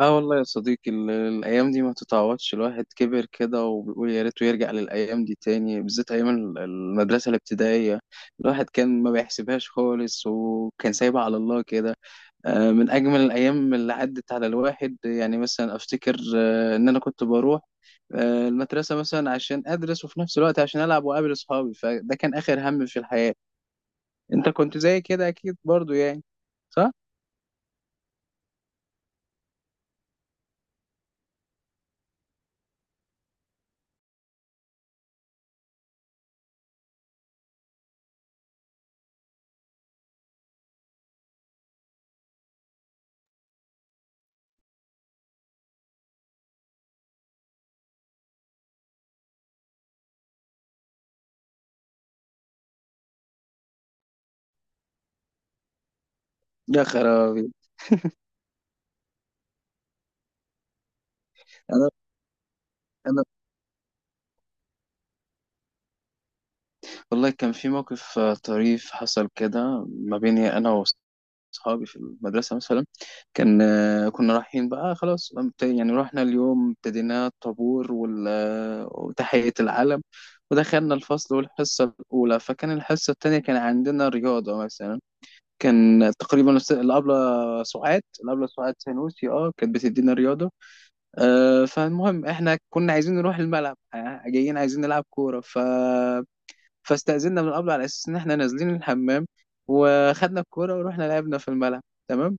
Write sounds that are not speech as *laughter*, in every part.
اه والله يا صديقي الايام دي ما تتعوضش. الواحد كبر كده وبيقول يا ريته يرجع للايام دي تاني، بالذات ايام المدرسه الابتدائيه. الواحد كان ما بيحسبهاش خالص وكان سايبها على الله كده. من اجمل الايام اللي عدت على الواحد. يعني مثلا افتكر ان انا كنت بروح المدرسه مثلا عشان ادرس، وفي نفس الوقت عشان العب واقابل اصحابي. فده كان اخر هم في الحياه. انت كنت زي كده اكيد برضو يعني؟ صح. يا خرابي. انا والله كان في موقف طريف حصل كده ما بيني انا واصحابي في المدرسه مثلا. كان كنا رايحين بقى خلاص. يعني رحنا اليوم، ابتدينا الطابور وتحيه العلم، ودخلنا الفصل والحصه الاولى. فكان الحصه الثانيه كان عندنا رياضه مثلا. كان تقريبا الابله سعاد، الابله سعاد سانوسي، اه كانت بتدينا رياضه. فالمهم احنا كنا عايزين نروح الملعب، جايين عايزين نلعب كوره. فاستأذننا من قبل على أساس إن إحنا نازلين الحمام، وخدنا الكورة ورحنا لعبنا في الملعب. تمام.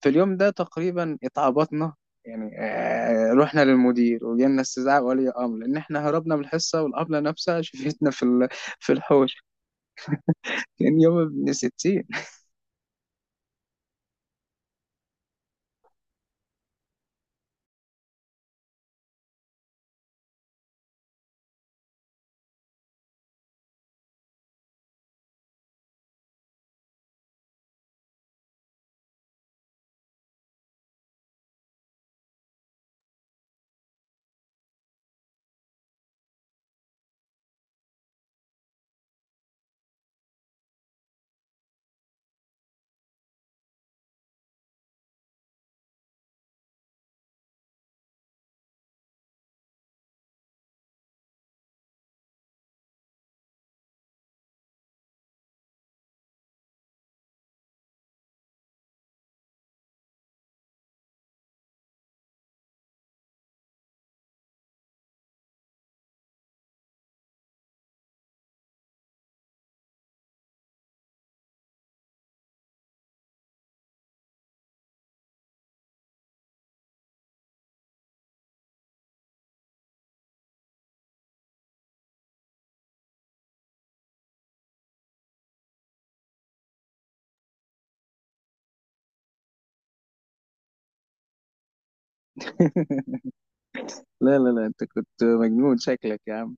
في اليوم ده تقريبا اتعبطنا، يعني رحنا للمدير وجالنا استدعاء ولي أمر، لأن إحنا هربنا من الحصة والأبلة نفسها شفتنا في في الحوش. كان يوم ابن ستين. *laughs* لا لا لا، أنت كنت مجنون شكلك يا عم.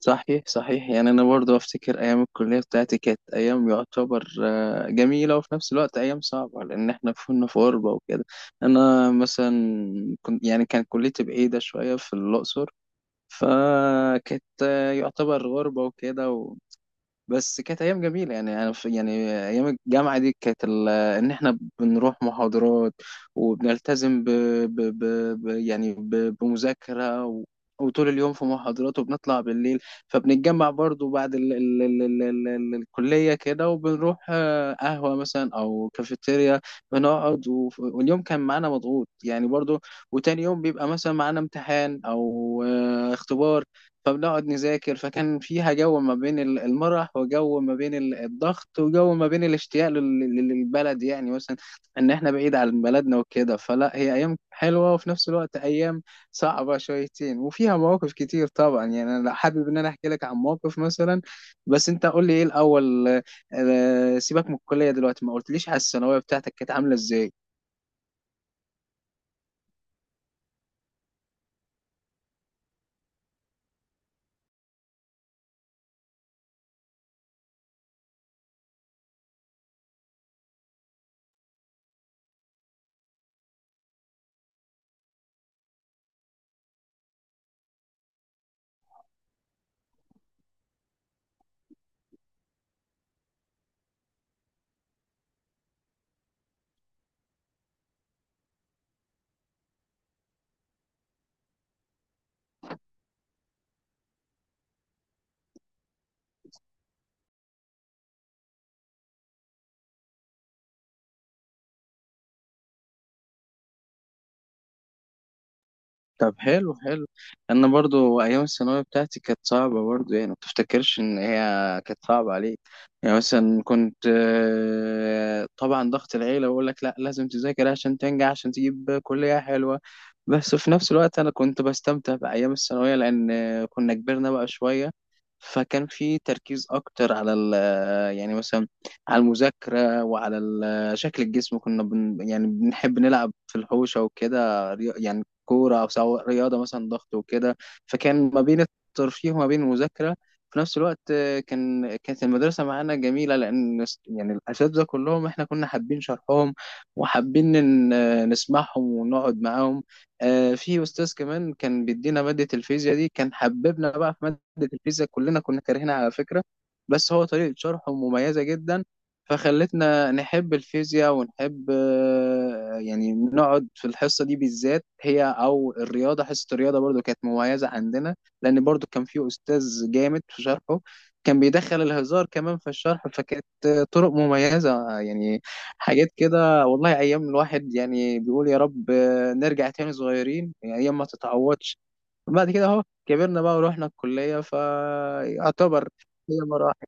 صحيح صحيح. يعني انا برضو افتكر ايام الكليه بتاعتي كانت ايام يعتبر جميله، وفي نفس الوقت ايام صعبه، لان احنا كنا في غربه وكده. انا مثلا كنت يعني كان كليتي بعيده شويه في الاقصر، فكانت يعتبر غربه وكده. بس كانت ايام جميله. يعني انا في يعني ايام الجامعه دي كانت ان احنا بنروح محاضرات وبنلتزم ب ب ب ب يعني بمذاكره، و وطول اليوم في محاضرات، وبنطلع بالليل فبنتجمع برضو بعد ال ال ال ال ال ال الكلية كده، وبنروح قهوة مثلا أو كافيتيريا. واليوم كان معانا مضغوط يعني برضو، وتاني يوم بيبقى مثلا معانا امتحان أو اختبار، فبنقعد نذاكر. فكان فيها جو ما بين المرح، وجو ما بين الضغط، وجو ما بين الاشتياق للبلد، يعني مثلا ان احنا بعيد عن بلدنا وكده. فلا، هي ايام حلوه، وفي نفس الوقت ايام صعبه شويتين، وفيها مواقف كتير طبعا. يعني انا حابب ان انا احكي لك عن موقف مثلا، بس انت قول لي ايه الاول. سيبك من الكليه دلوقتي، ما قلتليش على الثانويه بتاعتك كانت عامله ازاي؟ طب حلو حلو. انا برضو ايام الثانويه بتاعتي كانت صعبه برضو، يعني ما تفتكرش ان هي كانت صعبه عليك. يعني مثلا كنت طبعا ضغط العيله بقول لك لا لازم تذاكر عشان تنجح عشان تجيب كليه حلوه. بس في نفس الوقت انا كنت بستمتع بايام الثانويه، لان كنا كبرنا بقى شويه، فكان في تركيز اكتر على ال، يعني مثلا على المذاكره، وعلى شكل الجسم. كنا يعني بنحب نلعب في الحوشه وكده، يعني كورة، أو سواء رياضة مثلا ضغط وكده. فكان ما بين الترفيه وما بين المذاكرة. في نفس الوقت كان كانت المدرسة معانا جميلة، لأن يعني الأساتذة كلهم إحنا كنا حابين شرحهم، وحابين إن نسمعهم ونقعد معاهم. في أستاذ كمان كان بيدينا مادة الفيزياء دي، كان حببنا بقى في مادة الفيزياء. كلنا كنا كارهينها على فكرة، بس هو طريقة شرحه مميزة جدا، فخلتنا نحب الفيزياء، ونحب يعني نقعد في الحصة دي بالذات هي. أو الرياضة، حصة الرياضة برضو كانت مميزة عندنا، لأن برضو كان في أستاذ جامد في شرحه، كان بيدخل الهزار كمان في الشرح، فكانت طرق مميزة يعني. حاجات كده والله، أيام الواحد يعني بيقول يا رب نرجع تاني صغيرين. يعني أيام ما تتعوضش. بعد كده أهو كبرنا بقى ورحنا الكلية فيعتبر. هي مراحل.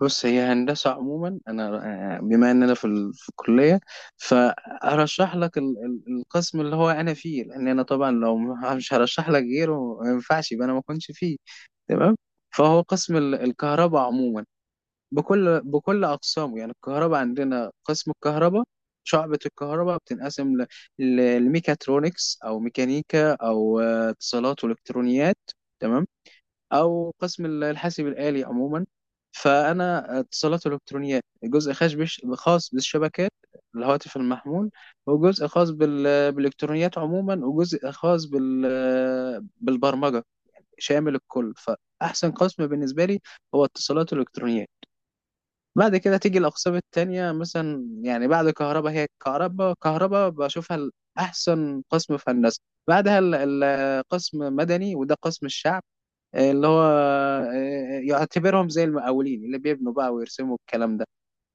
بص، هي هندسة عموما. أنا بما إن أنا في, ال... في الكلية، فأرشح لك القسم اللي هو أنا فيه، لأن أنا طبعا لو مش هرشح لك غيره، ما ينفعش يبقى أنا ما كنتش فيه. تمام. فهو قسم الكهرباء عموما، بكل أقسامه. يعني الكهرباء عندنا، قسم الكهرباء، شعبة الكهرباء بتنقسم ل... للميكاترونكس، أو ميكانيكا، أو اتصالات وإلكترونيات. تمام. او قسم الحاسب الالي عموما. فانا اتصالات الكترونيات، جزء خاص خاص بالشبكات، الهواتف المحمول، وجزء خاص بال... بالالكترونيات عموما، وجزء خاص بال... بالبرمجه، شامل الكل. فاحسن قسم بالنسبه لي هو اتصالات الالكترونيات. بعد كده تيجي الاقسام التانية مثلا. يعني بعد كهرباء، هي كهرباء، كهرباء بشوفها احسن قسم في هندسه. بعدها قسم مدني، وده قسم الشعب اللي هو يعتبرهم زي المقاولين اللي بيبنوا بقى ويرسموا الكلام ده.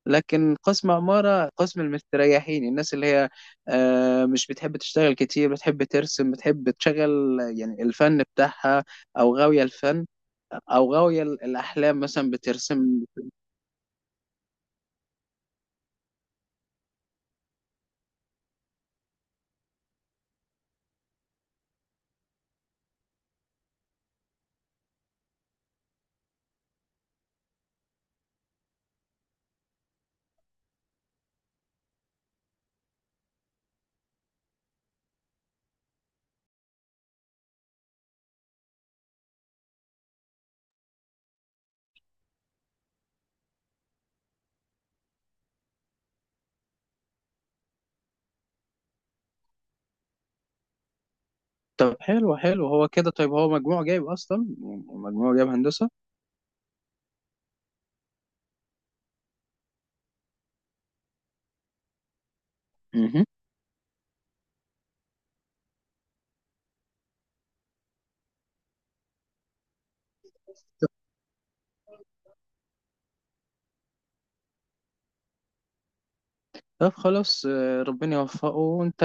لكن قسم عمارة، قسم المستريحين، الناس اللي هي مش بتحب تشتغل كتير، بتحب ترسم، بتحب تشغل يعني الفن بتاعها، أو غاوية الفن، أو غاوية الأحلام مثلا بترسم. طب حلو حلو. هو كده طيب هو مجموع جايب أصلا؟ مجموع جايب هندسة؟ طب خلاص. ربنا يوفقه. وانت،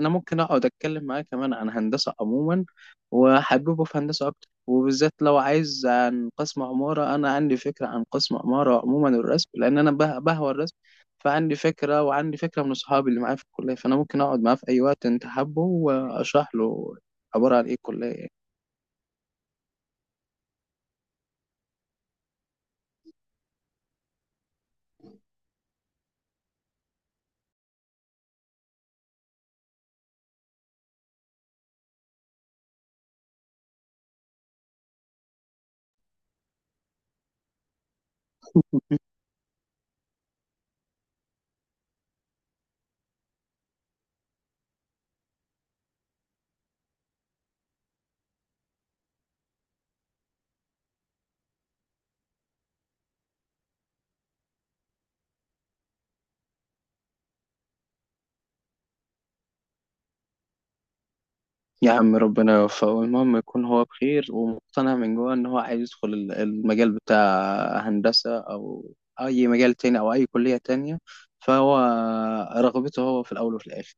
انا ممكن اقعد اتكلم معاه كمان عن هندسة عموما، وحببه في هندسة اكتر. وبالذات لو عايز عن قسم عمارة، انا عندي فكرة عن قسم عمارة عموما، الرسم، لان انا بهوى الرسم. فعندي فكرة، وعندي فكرة من اصحابي اللي معايا في الكلية. فانا ممكن اقعد معاه في اي وقت انت حابه، واشرح له عبارة عن ايه الكلية يعني. يا عم ربنا يوفقه. المهم يكون هو بخير ومقتنع من جوه ان هو عايز يدخل المجال بتاع هندسة، او اي مجال تاني، او اي كلية تانية. فهو رغبته هو في الاول وفي الاخر.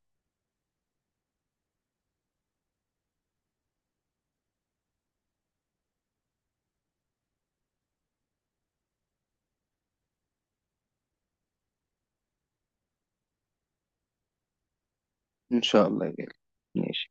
ان شاء الله يا غالي. ماشي.